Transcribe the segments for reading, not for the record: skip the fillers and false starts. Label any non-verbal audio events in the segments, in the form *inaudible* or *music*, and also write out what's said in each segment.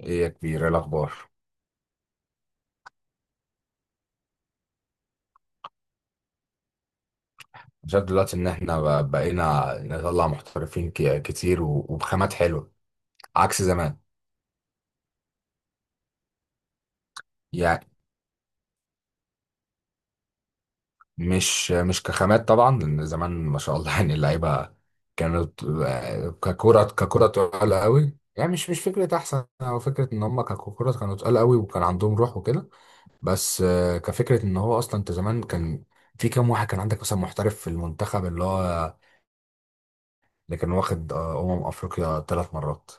ايه يا كبير، ايه الاخبار؟ أنا شايف دلوقتي ان احنا بقينا نطلع محترفين كتير وبخامات حلوه عكس زمان. يعني مش كخامات طبعا، لان زمان ما شاء الله *laughs* يعني اللعيبه كانت ككره تقال قوي. يعني مش فكره احسن، او فكره ان هم ككره كانوا تقال قوي وكان عندهم روح وكده. بس كفكره ان هو اصلا انت زمان كان في كام واحد كان عندك مثلا محترف في المنتخب، اللي هو اللي كان واخد افريقيا ثلاث مرات.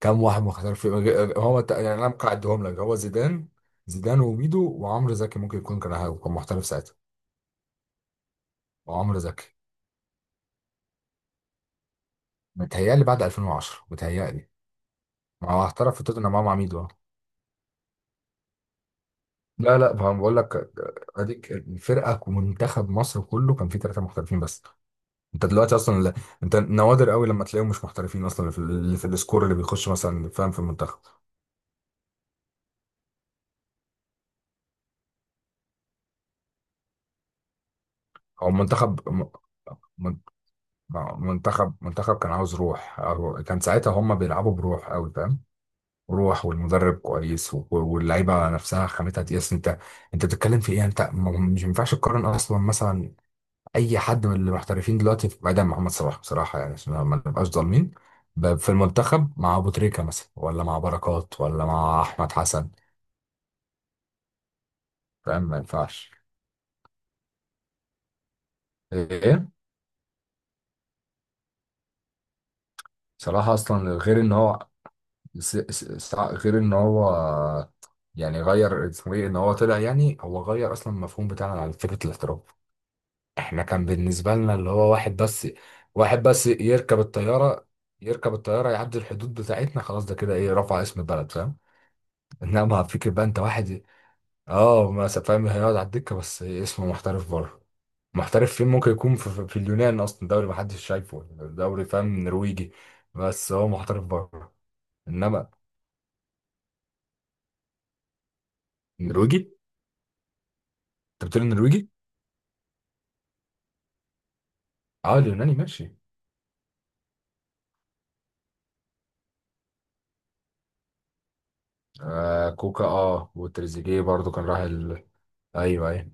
كام واحد ما خسرش في يعني انا ممكن اعدهم لك. هو زيدان، زيدان وميدو وعمرو زكي، ممكن يكون كان هو كان محترف ساعتها. وعمرو زكي متهيألي بعد 2010، متهيألي. ما هو احترف في توتنهام مع ميدو. لا لا، ما بقول لك، اديك الفرقه، ومنتخب مصر كله كان فيه ثلاثه محترفين بس. انت دلوقتي اصلا انت نوادر قوي لما تلاقيهم مش محترفين اصلا، في السكور اللي بيخش مثلا، فاهم؟ في المنتخب او منتخب. منتخب كان عاوز روح، أو كان ساعتها هم بيلعبوا بروح قوي فاهم. روح، والمدرب كويس، واللعيبه نفسها خامتها تقيس. انت انت بتتكلم في ايه؟ انت مش ينفعش تقارن اصلا مثلا اي حد من المحترفين دلوقتي، بعيدا عن محمد صلاح بصراحه، يعني عشان ما نبقاش ظالمين. في المنتخب مع ابو تريكه مثلا، ولا مع بركات، ولا مع احمد حسن، فاهم؟ ما ينفعش. ايه، صلاح اصلا غير ان هو س- س- غير ان هو، يعني غير اسمه ايه، ان هو طلع، يعني هو غير اصلا المفهوم بتاعنا على فكره الاحتراف. احنا كان بالنسبه لنا اللي هو واحد بس، واحد بس يركب الطياره، يركب الطياره يعدي الحدود بتاعتنا، خلاص ده كده ايه، رفع اسم البلد فاهم. انما فكره بقى انت واحد، اه ما س- فاهم، هيقعد على الدكه بس اسمه محترف بره. محترف فين؟ ممكن يكون في اليونان اصلا، دوري ما حدش شايفه، دوري فاهم، نرويجي. بس هو محترف بره. انما نرويجي، انت بتقول نرويجي؟ اه، اليوناني ماشي. آه كوكا، اه وتريزيجيه برضو كان راح ال... ايوه ايوه.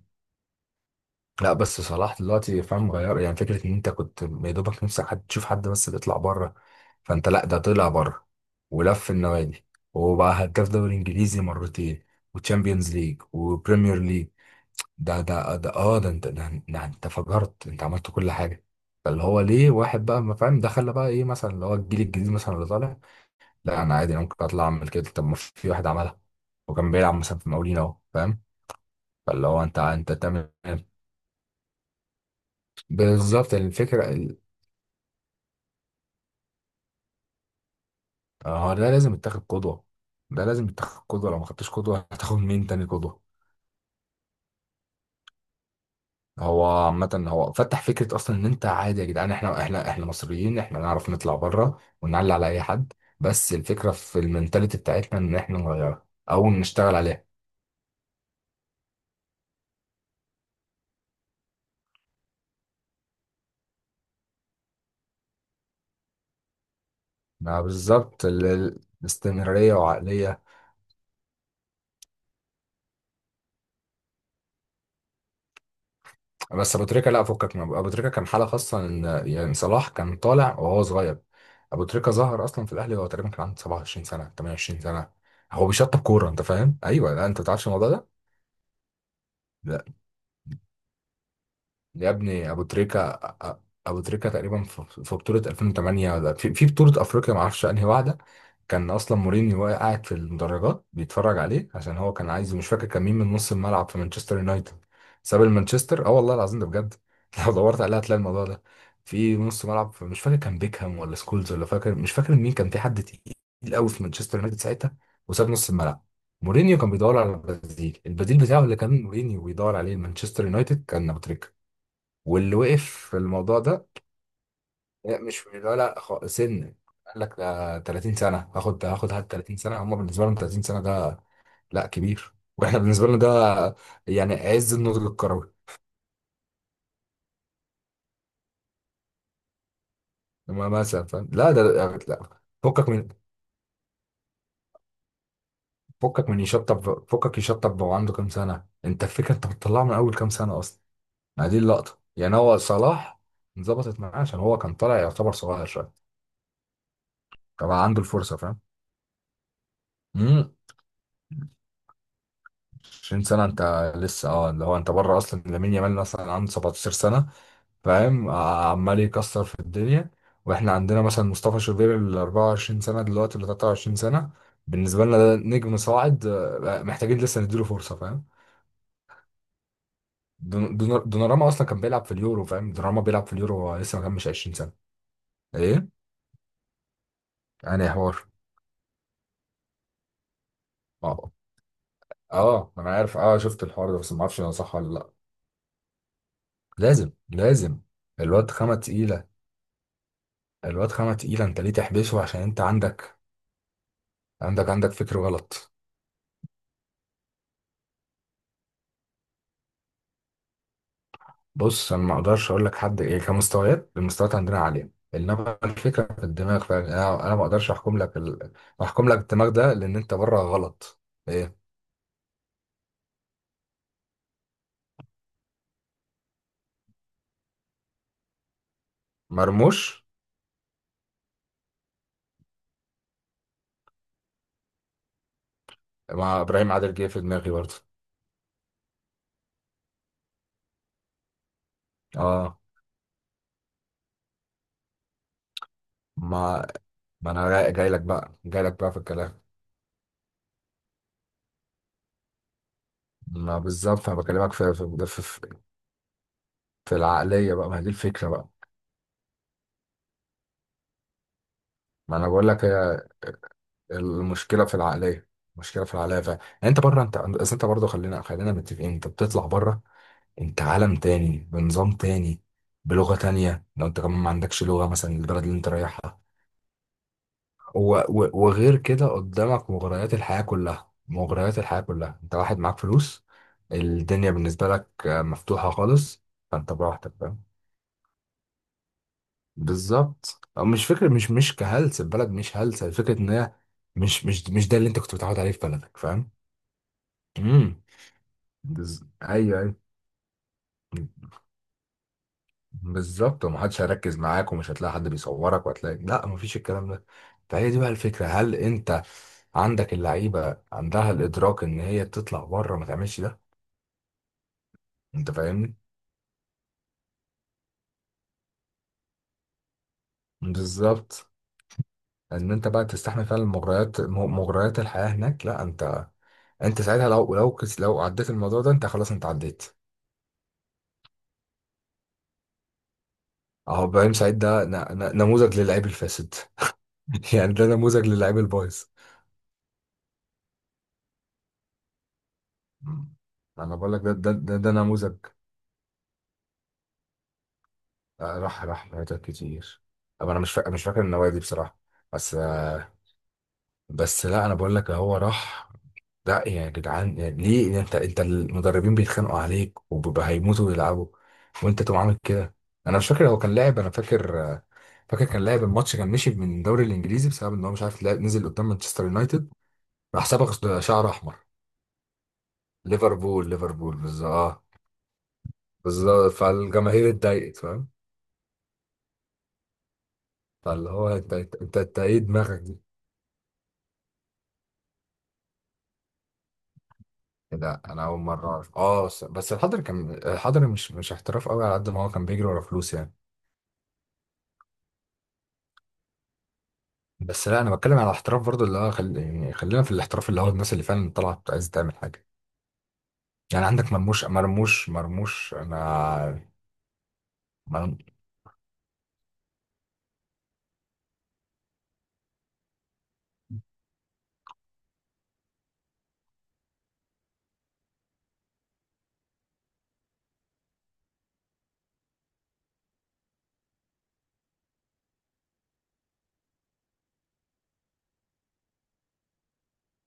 لا بس صلاح دلوقتي فاهم غير، يعني فكره ان انت كنت يا دوبك نفسك حد تشوف حد بس بيطلع بره. فانت لا، ده طلع بره ولف النوادي، وبقى هداف دوري انجليزي مرتين وتشامبيونز ليج وبريمير ليج. ده ده ده اه ده انت ده, ده انت فجرت، انت عملت كل حاجه. فاللي هو ليه واحد بقى ما فاهم ده، خلى بقى ايه مثلا اللي هو الجيل الجديد مثلا اللي طالع؟ لا انا عادي، انا ممكن اطلع اعمل كده. طب ما في واحد عملها وكان بيلعب مثلا في مقاولين، اهو فاهم. فاللي هو انت تعمل بالظبط الفكره آه، هو ده لازم يتاخد قدوه. ده لازم يتاخد قدوه، لو ما خدتش قدوه هتاخد مين تاني قدوه؟ هو عامة هو فتح فكرة أصلا إن أنت عادي يا جدعان، إحنا، إحنا مصريين، إحنا نعرف نطلع بره ونعلي على أي حد. بس الفكرة في المنتاليتي بتاعتنا إن إحنا نغيرها أو نشتغل عليها. ما بالظبط الاستمرارية وعقلية. بس ابو تريكه لا، فكك من أبو تريكه، كان حاله خاصه، ان يعني صلاح كان طالع وهو صغير. ابو تريكه ظهر اصلا في الاهلي وهو تقريبا كان عنده 27 سنه، 28 سنه، هو بيشطب كوره، انت فاهم؟ ايوه، لا انت ما تعرفش الموضوع ده. يا ابني ابو تريكة، أ- ابو تريكة تقريبا في في بطولة 2008، ولا في بطولة افريقيا، ما اعرفش انهي واحدة، كان اصلا مورينيو قاعد في المدرجات بيتفرج عليه، عشان هو كان عايز، مش فاكر كان مين، من نص الملعب في مانشستر يونايتد، ساب المانشستر. اه والله العظيم، ده بجد *laughs* لو دورت عليها هتلاقي الموضوع ده. في نص ملعب، مش فاكر كان بيكهام ولا سكولز، ولا فاكر، مش فاكر مين كان، في حد تقيل قوي في مانشستر يونايتد ساعتها، وساب نص الملعب. مورينيو كان بيدور على البديل بتاعه اللي كان مورينيو بيدور عليه، مانشستر يونايتد، كان ابو تريكة. واللي وقف في الموضوع ده، لا، مش ولا سن. قال لك ده 30 سنه، هاخد هات، 30 سنه هم بالنسبه لهم 30 سنه ده. لا كبير *laughs* واحنا بالنسبه لنا ده يعني عز النضج الكروي. لما مثلا فاهم، لا لا، فكك من، فكك من يشطب، فكك يشطب وهو عنده كام سنه؟ انت الفكره انت بتطلعه من اول كام سنه اصلا. ما دي اللقطه، يعني هو صلاح انظبطت معاه عشان هو كان طالع يعتبر صغير شويه، كان عنده الفرصه فاهم. امم. 20 سنة انت لسه، اللي هو انت بره اصلا، لامين يامال مثلا عنده 17 سنة، فاهم؟ عمال يكسر في الدنيا. واحنا عندنا مثلا مصطفى شوبير ال 24 سنة دلوقتي ولا 23 سنة، بالنسبة لنا ده نجم صاعد، محتاجين لسه نديله فرصة فاهم. دوناراما اصلا كان بيلعب في اليورو فاهم، دوناراما بيلعب في اليورو وهو لسه ما كملش 20 سنة. ايه يعني يا حوار؟ اه اه انا عارف، شفت الحوار ده بس ما اعرفش هو صح ولا لا. لازم لازم. الواد خامة تقيلة، الواد خامة تقيلة، انت ليه تحبسه؟ عشان انت عندك، عندك فكر غلط. بص، انا ما اقدرش اقول لك حد ايه كمستويات، المستويات عندنا عاليه، انما الفكره في الدماغ، فانا ما اقدرش احكم لك ال... احكم لك الدماغ ده، لان انت بره غلط. ايه، مرموش. مع ابراهيم عادل جه في دماغي برضه. اه، ما ما انا جاي جاي لك بقى، جاي لك بقى في الكلام. ما بالظبط انا بكلمك في العقليه بقى، ما هي دي الفكره بقى. ما انا بقول لك، هي المشكله في العقليه، المشكله في العقليه فعلا. يعني انت بره، انت أصل، انت برضه خلينا متفقين، انت بتطلع بره. انت عالم تاني بنظام تاني بلغة تانية، لو انت كمان ما عندكش لغة مثلا البلد اللي انت رايحها، وغير كده قدامك مغريات الحياة كلها، مغريات الحياة كلها، انت واحد معاك فلوس، الدنيا بالنسبة لك مفتوحة خالص، فانت براحتك فاهم. بالظبط، أو مش فكرة، مش كهلس البلد، مش هلسة، الفكرة ان هي مش ده اللي انت كنت متعود عليه في بلدك فاهم. امم، بز... ايوه ايوه. بالظبط، ومحدش هيركز معاك، ومش هتلاقي حد بيصورك، وهتلاقي لا مفيش الكلام ده. فهي دي بقى الفكرة، هل انت عندك اللعيبة عندها الإدراك إن هي تطلع بره ما تعملش ده؟ انت فاهمني. بالظبط، ان انت بقى تستحمل فعلا مغريات، مغريات الحياة هناك، لا انت. انت ساعتها لو، لو عديت الموضوع ده انت خلاص، انت عديت. اهو ابراهيم سعيد ده نموذج للعيب الفاسد. *laughs* يعني ده نموذج للعيب البايظ. مم. انا بقول لك ده، ده نموذج. آه، راح مناطق كتير. طب انا مش فاكر النوادي بصراحه. بس بس لا انا بقول لك هو راح، ده يا جدعان، يعني ليه، يعني انت المدربين بيتخانقوا عليك وبيبقى هيموتوا ويلعبوا، وانت تقوم عامل كده؟ انا مش فاكر هو كان لاعب، انا فاكر آه، فاكر كان لاعب الماتش، كان مشي من الدوري الانجليزي بسبب ان هو مش عارف لعب، نزل قدام مانشستر يونايتد راح صبغ شعر احمر. ليفربول، ليفربول، بالظبط اه. بالظبط، فالجماهير اتضايقت فاهم. فاللي هو انت، إنت ايه دماغك؟ لا انا اول مره اعرف. اه بس، بس الحضري، كان الحضري مش مش احتراف قوي، على قد ما هو كان بيجري ورا فلوس يعني. بس لا انا بتكلم على احتراف برضو اللي هو خل... يعني خلينا في الاحتراف، اللي هو الناس اللي فعلا طلعت عايزه تعمل حاجه. يعني عندك مرموش، مرموش، مرموش. انا مرم...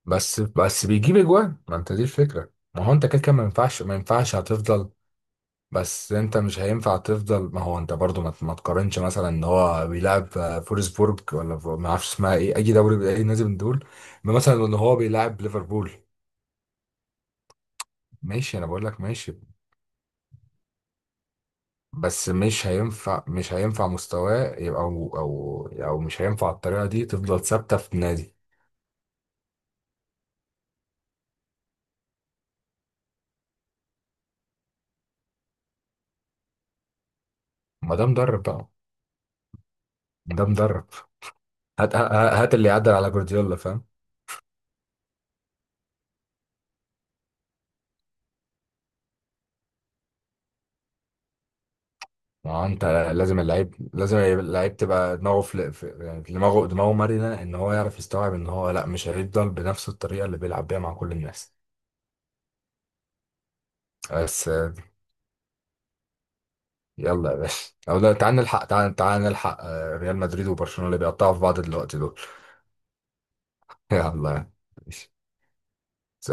بس بيجيب اجوان، ما انت دي الفكره، ما هو انت كده كده ما ينفعش، ما ينفعش هتفضل. بس انت مش هينفع تفضل. ما هو انت برضو ما تقارنش مثلا ان هو بيلعب فولسبورج، ولا ما اعرفش اسمها ايه، اي دوري، اي نادي من دول، مثلا ان هو بيلعب ليفربول. ماشي، انا بقول لك ماشي. بس مش هينفع، مش هينفع مستواه يبقى، او او مش هينفع الطريقه دي تفضل ثابته في نادي. ما ده مدرب بقى، ده مدرب. هات، هات اللي يعدل على جوارديولا فاهم. ما هو انت لازم اللعيب، لازم اللعيب تبقى دماغه في, في يعني دماغه مرنه، ان هو يعرف يستوعب ان هو لا، مش هيفضل بنفس الطريقه اللي بيلعب بيها مع كل الناس. بس يلا يا باشا، او لا، تعال نلحق، تعال نلحق ريال مدريد وبرشلونه اللي بيقطعوا في بعض دلوقتي دول. *laughs* يلا، ماشي.